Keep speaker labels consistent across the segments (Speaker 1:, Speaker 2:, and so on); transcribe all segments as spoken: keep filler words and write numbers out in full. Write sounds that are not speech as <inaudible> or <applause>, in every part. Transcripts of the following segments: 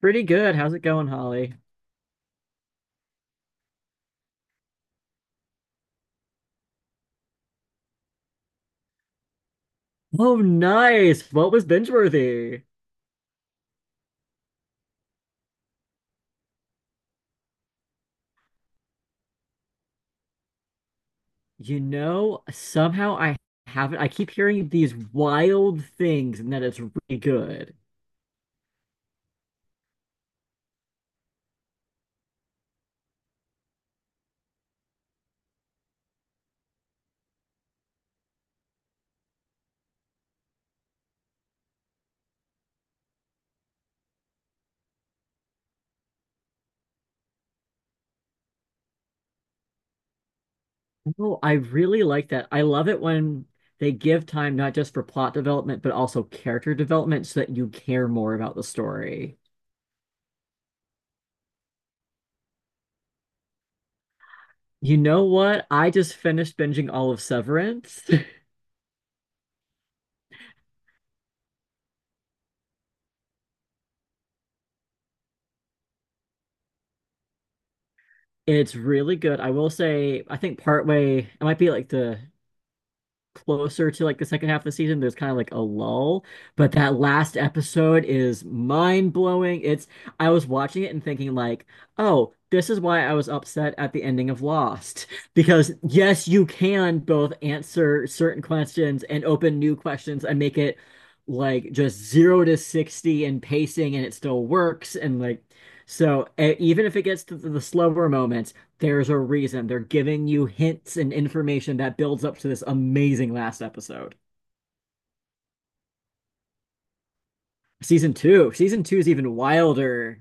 Speaker 1: Pretty good. How's it going, Holly? Oh, nice. What was binge worthy? You know, somehow I haven't. I keep hearing these wild things and that it's really good. Oh, I really like that. I love it when they give time not just for plot development, but also character development so that you care more about the story. You know what? I just finished binging all of Severance. <laughs> It's really good. I will say, I think partway, it might be like the closer to like the second half of the season, there's kind of like a lull. But that last episode is mind blowing. It's I was watching it and thinking like, oh, this is why I was upset at the ending of Lost. <laughs> Because yes, you can both answer certain questions and open new questions and make it like just zero to sixty in pacing and it still works and like so e- even if it gets to the the slower moments there's a reason. They're giving you hints and information that builds up to this amazing last episode. Season two. Season two is even wilder.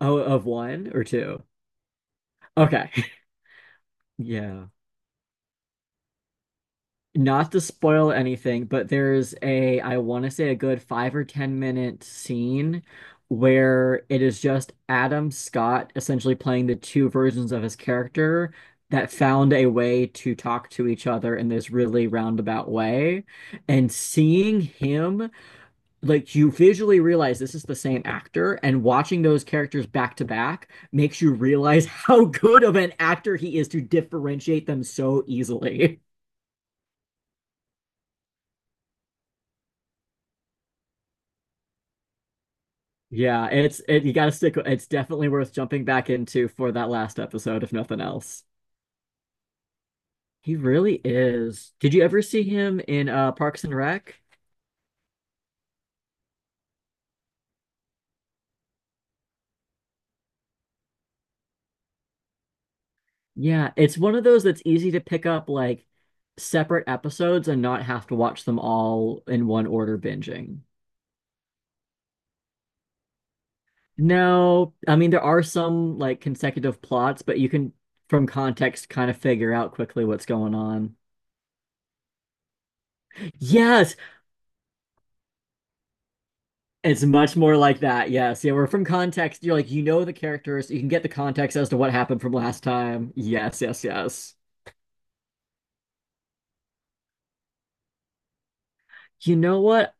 Speaker 1: Oh, of one or two. Okay. <laughs> Yeah. Not to spoil anything, but there's a, I want to say a good five or ten minute scene where it is just Adam Scott essentially playing the two versions of his character that found a way to talk to each other in this really roundabout way. And seeing him, like you visually realize this is the same actor, and watching those characters back to back makes you realize <laughs> how good of an actor he is to differentiate them so easily. Yeah, it's it, you gotta stick. It's definitely worth jumping back into for that last episode, if nothing else. He really is. Did you ever see him in uh, Parks and Rec? Yeah, it's one of those that's easy to pick up like separate episodes and not have to watch them all in one order binging. No, I mean there are some like consecutive plots, but you can from context kind of figure out quickly what's going on. Yes, it's much more like that. Yes, yeah, we're from context. You're like you know the characters, you can get the context as to what happened from last time. Yes, yes, yes. You know what?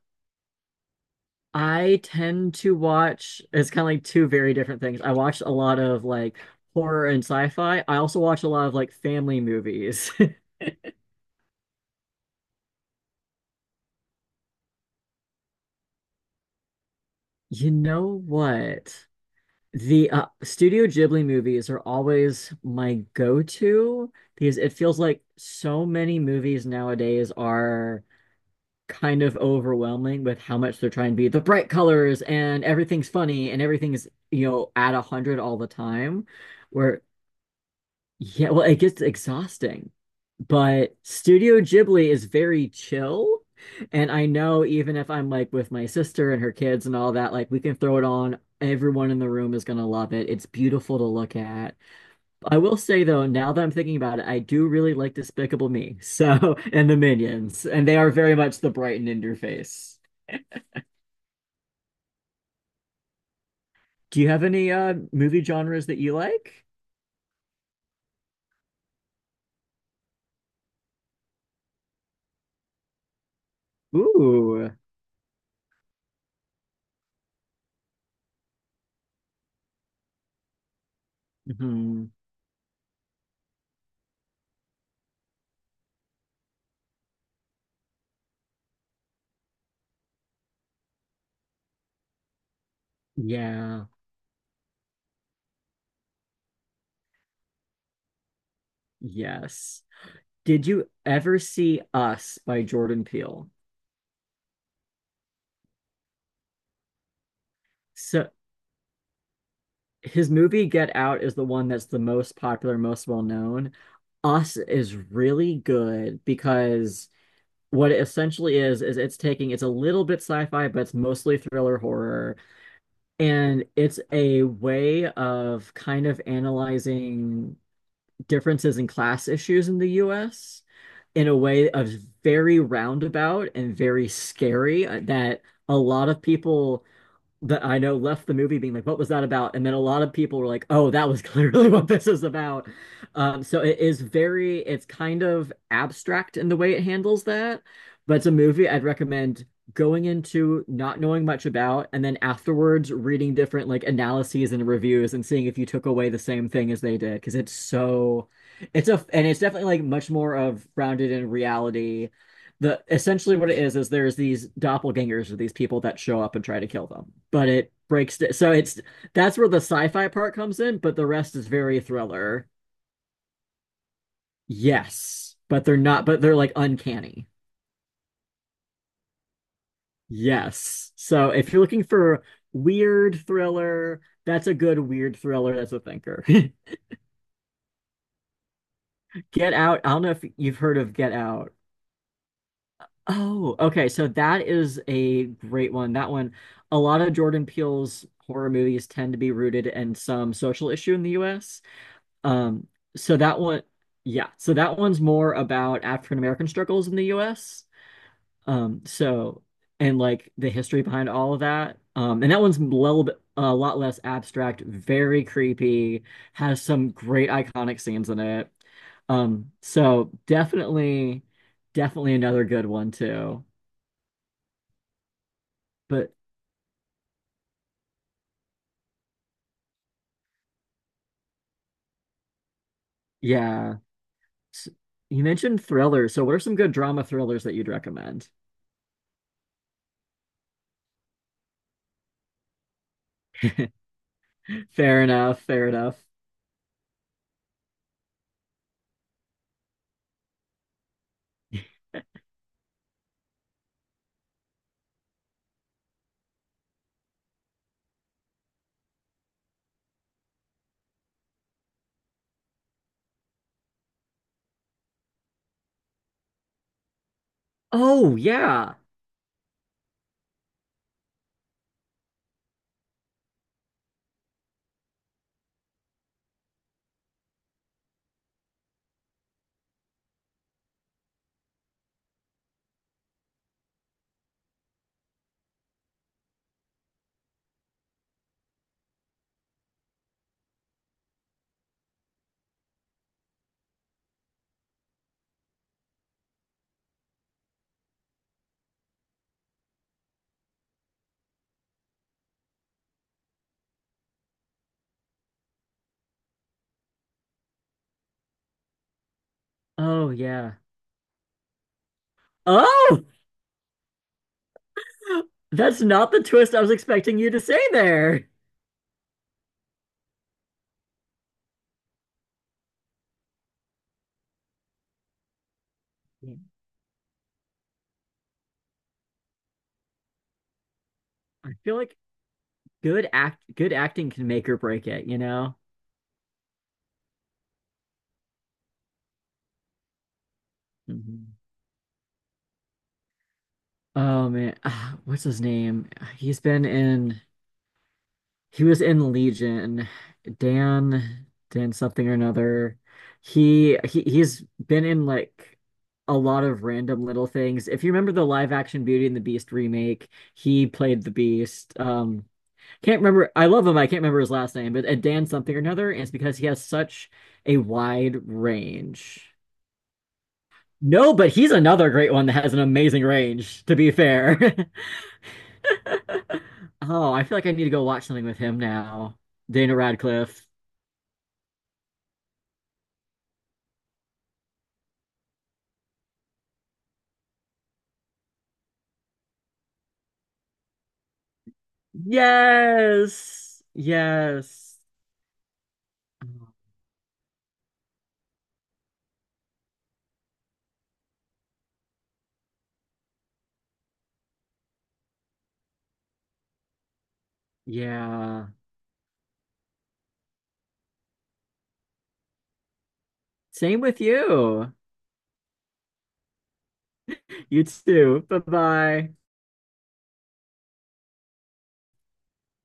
Speaker 1: I tend to watch it's kind of like two very different things. I watch a lot of like horror and sci-fi. I also watch a lot of like family movies. <laughs> You know what? The uh, Studio Ghibli movies are always my go-to because it feels like so many movies nowadays are kind of overwhelming with how much they're trying to be the bright colors and everything's funny and everything's, you know, at a hundred all the time. Where yeah, well, it gets exhausting. But Studio Ghibli is very chill. And I know even if I'm like with my sister and her kids and all that, like we can throw it on. Everyone in the room is gonna love it. It's beautiful to look at. I will say though, now that I'm thinking about it, I do really like Despicable Me. So, <laughs> and the Minions, and they are very much the Brighton in your face. Do you have any uh movie genres that you like? Ooh. Mhm. Yeah. Yes. Did you ever see Us by Jordan Peele? So his movie Get Out is the one that's the most popular, most well known. Us is really good because what it essentially is is it's taking it's a little bit sci-fi, but it's mostly thriller horror, and it's a way of kind of analyzing differences in class issues in the U S in a way of very roundabout and very scary uh, that a lot of people that I know left the movie being like, what was that about? And then a lot of people were like, oh, that was <laughs> clearly what this is about. Um, so it is very, it's kind of abstract in the way it handles that, but it's a movie I'd recommend going into not knowing much about and then afterwards reading different like analyses and reviews and seeing if you took away the same thing as they did because it's so it's a and it's definitely like much more of grounded in reality the essentially what it is is there's these doppelgangers or these people that show up and try to kill them but it breaks so it's that's where the sci-fi part comes in but the rest is very thriller. Yes, but they're not, but they're like uncanny. Yes, so if you're looking for weird thriller, that's a good weird thriller, that's a thinker. <laughs> Get out, I don't know if you've heard of Get Out. Oh, okay. So that is a great one. That one, a lot of Jordan Peele's horror movies tend to be rooted in some social issue in the U S. Um, so that one, yeah. So that one's more about African American struggles in the U S. Um, so and like the history behind all of that. Um, and that one's a little bit, a lot less abstract, very creepy, has some great iconic scenes in it. Um, so definitely, definitely another good one too. But yeah, S- you mentioned thrillers. So what are some good drama thrillers that you'd recommend? <laughs> Fair enough, fair enough. Oh yeah. Oh yeah. Oh, <laughs> that's not the twist I was expecting you to say there. Yeah. I feel like good act good acting can make or break it, you know? Mhm. Oh man. Ah, what's his name? He's been in He was in Legion, Dan, Dan something or another. He he he's been in like a lot of random little things. If you remember the live action Beauty and the Beast remake, he played the Beast. Um, can't remember. I love him. I can't remember his last name, but uh, Dan something or another. And it's because he has such a wide range. No, but he's another great one that has an amazing range, to be fair. <laughs> Oh, I feel like I need to go watch something with him now. Daniel Radcliffe. Yes. Yes. Yeah. Same with you. You too. Bye-bye.